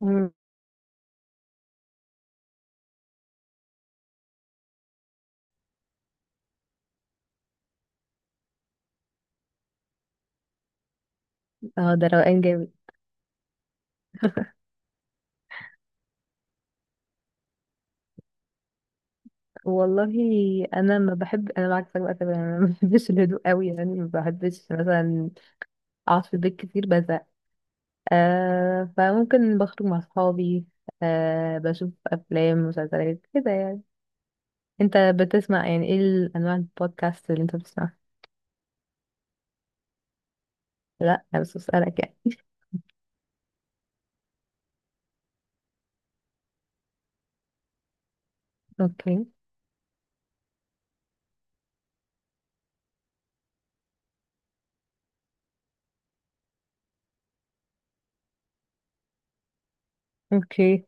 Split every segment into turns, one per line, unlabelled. مم. اه ده روقان جامد. والله انا ما بحب، انا معاك بقى تماما، انا ما بحبش الهدوء قوي، يعني ما بحبش مثلا اقعد في البيت كتير بزهق. آه فممكن بخرج مع اصحابي، آه بشوف افلام مسلسلات كده يعني. انت بتسمع يعني ايه الانواع البودكاست اللي انت بتسمعها؟ لا انا بس بسألك يعني اوكي. اوكي.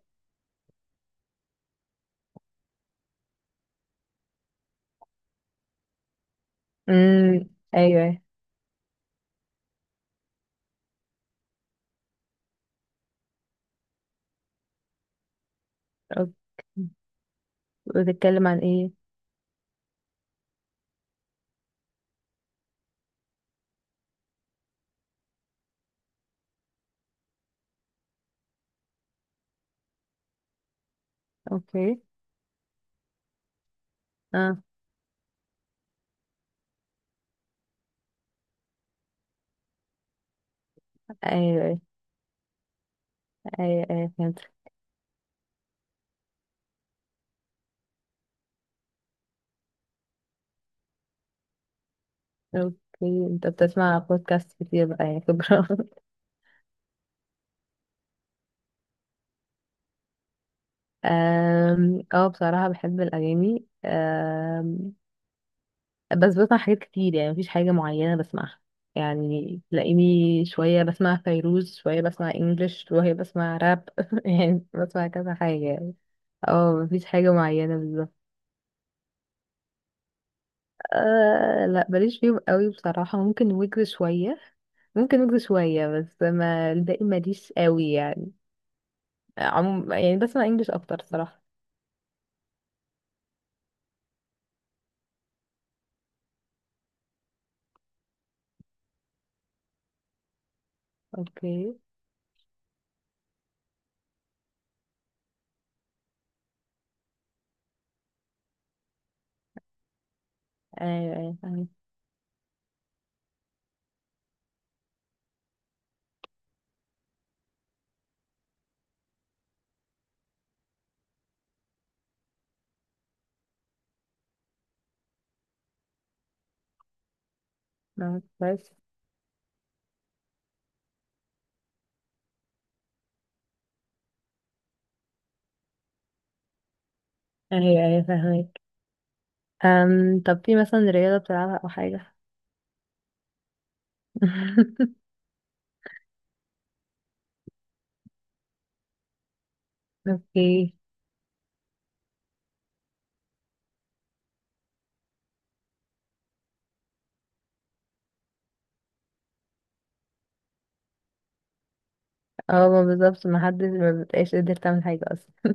امم. ايوه. اوكي. بتتكلم عن ايه؟ اوكي. اه. ايوه ايوه. ايوه فهمت. اوكي، انت بتسمع بودكاست كتير بقى يا كبرى أم، اه بصراحة بحب الأغاني، بس بسمع حاجات كتير، يعني مفيش حاجة معينة بسمعها. يعني تلاقيني شوية بسمع فيروز، شوية بسمع انجلش، شوية بسمع راب يعني بسمع كذا حاجة يعني. اه مفيش حاجة معينة بالظبط. أه لا ماليش فيهم قوي بصراحة، ممكن ويجز شوية. ممكن ويجز شوية بس ما الباقي ماليش قوي يعني. عموم يعني بسمع انجلش اكتر صراحة. اوكي. ايوه ايوه فاهمك. نعم كويس. ايوه ايوه فاهمك. أم، طب في مثلا رياضة بتلعبها او حاجة؟ اوكي. اه ما بالظبط، ما حدش ما بتبقاش قادر تعمل حاجة اصلا.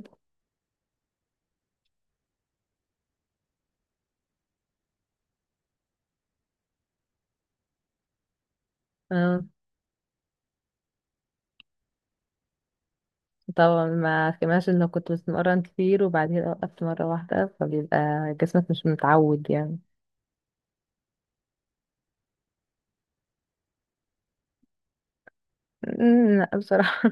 اه طبعا، ما كماش انه كنت بتمرن كتير وبعدين وقفت مرة واحدة، فبيبقى جسمك مش متعود يعني. أمم، لا بصراحة.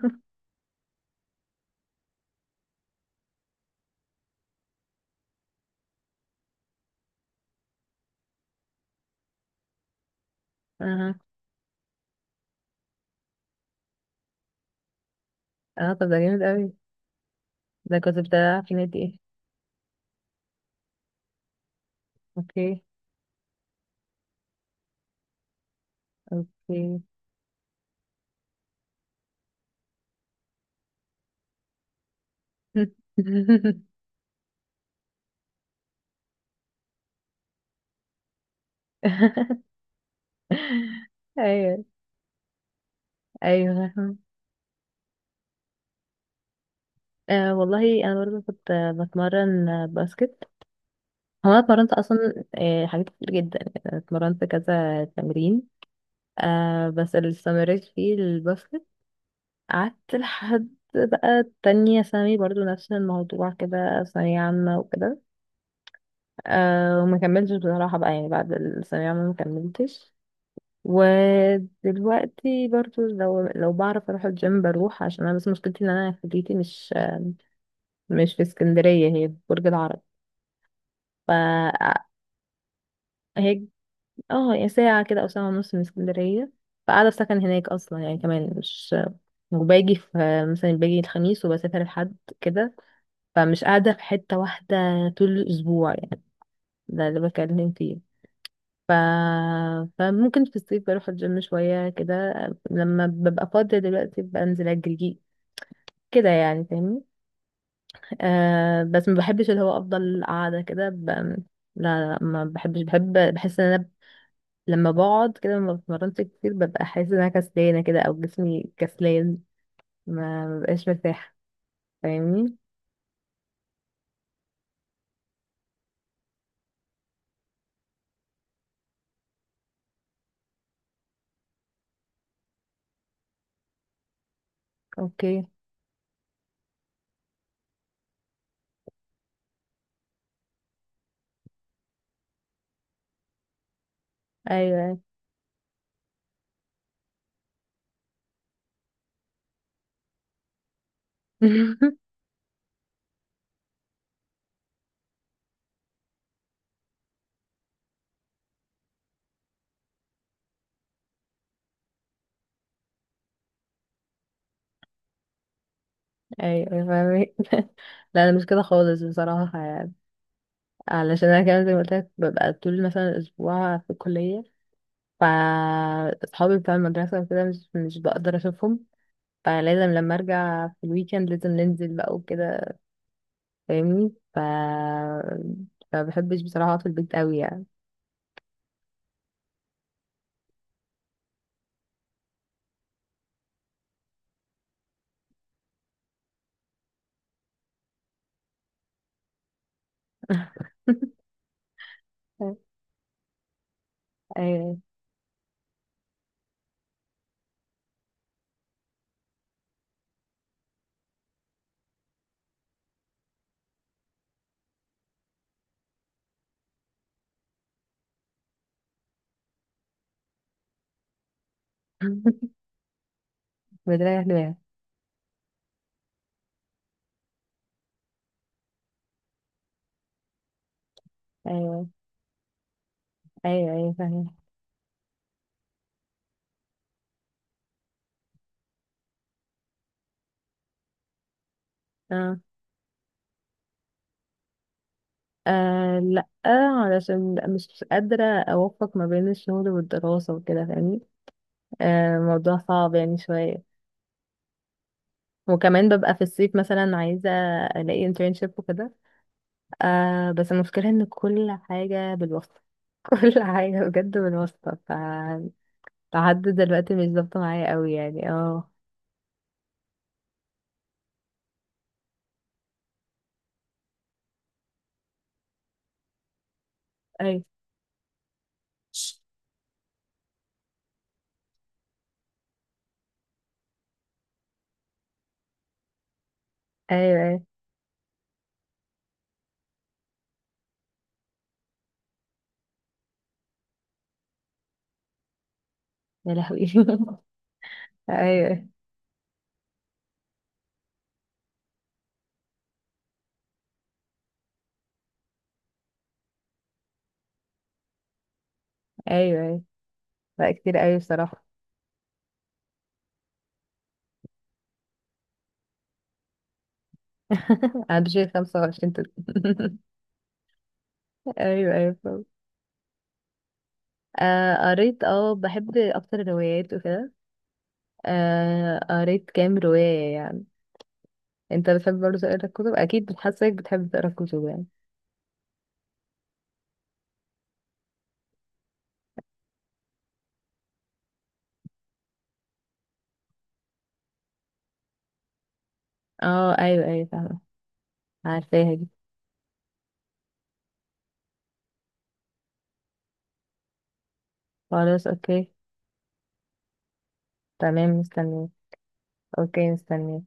اه. اه طب ده جامد اوي، ده كنت بتلعب في نادي ايه؟ اوكي. اوكي. ايوه ايوه. أه والله انا برضه كنت، بتمرن باسكت. هو انا اتمرنت اصلا حاجات كتير جدا، يعني اتمرنت كذا تمرين. أه بس اللي استمريت فيه الباسكت، قعدت لحد بقى تانية ثانوي برضه، نفس الموضوع كده، ثانوية عامة وكده. أه وما كملتش بصراحة بقى، يعني بعد الثانوية عامة ما كملتش. ودلوقتي برضه لو بعرف اروح الجيم بروح، عشان انا بس مشكلتي ان انا كليتي مش في اسكندرية، هي في برج العرب. ف اه، يعني ساعة كده أو ساعة ونص من اسكندرية. فقاعدة في سكن هناك أصلا يعني، كمان مش، وباجي في، مثلا باجي الخميس وبسافر الحد كده. فمش قاعدة في حتة واحدة طول الأسبوع يعني، ده اللي بكلم فيه. ف... فممكن في الصيف بروح الجيم شوية كده، لما ببقى فاضية، دلوقتي بنزل أجري كده يعني، فاهمني؟ آه بس ما بحبش اللي هو أفضل قاعدة كده ب... لا ما بحبش، بحب، بحس ان انا لما بقعد كده ما بتمرنش كتير، ببقى حاسة ان انا كسلانة كده او جسمي كسلان، ما ببقاش مرتاحة. فاهمني؟ اوكي. ايوه ايوه أيوة، فاهمك لا انا مش كده خالص بصراحة يعني، علشان انا كمان زي ما قلت لك، ببقى طول مثلا اسبوع في الكلية. ف اصحابي بتوع المدرسة وكده مش بقدر اشوفهم، فلازم لما ارجع في الويكند لازم ننزل بقى وكده، فاهمني؟ ف فبحبش بصراحة اقعد في البيت قوي يعني. ايوه بتريح دماغك. ايوه ايوه ايوه فاهمة. اه. آه لا علشان لأ، مش قادرة أوفق ما بين الشغل والدراسة وكده فاهمني، آه الموضوع صعب يعني شوية. وكمان ببقى في الصيف مثلا عايزة ألاقي internship وكده، آه بس المشكلة إن كل حاجة بالواسطة كل حاجة بجد بالواسطة. ف لحد دلوقتي مش ظابطة معايا قوي يعني اه. أيوة أيوة. أيوة يا لهوي أيوة أيوة. أيوة. لا كتير قوي بصراحة. هتجي 25 تت- ايوه ايوه فاهم. آه قريت، اه بحب اكتر الروايات وكده، آه قريت كام رواية يعني. انت بتحب برضه تقرا الكتب؟ اكيد بتحسك بتحب تقرا الكتب يعني. اه ايوه ايوه فاهمة. عارفاها دي. خلاص اوكي. تمام مستنيه. اوكي مستنيه.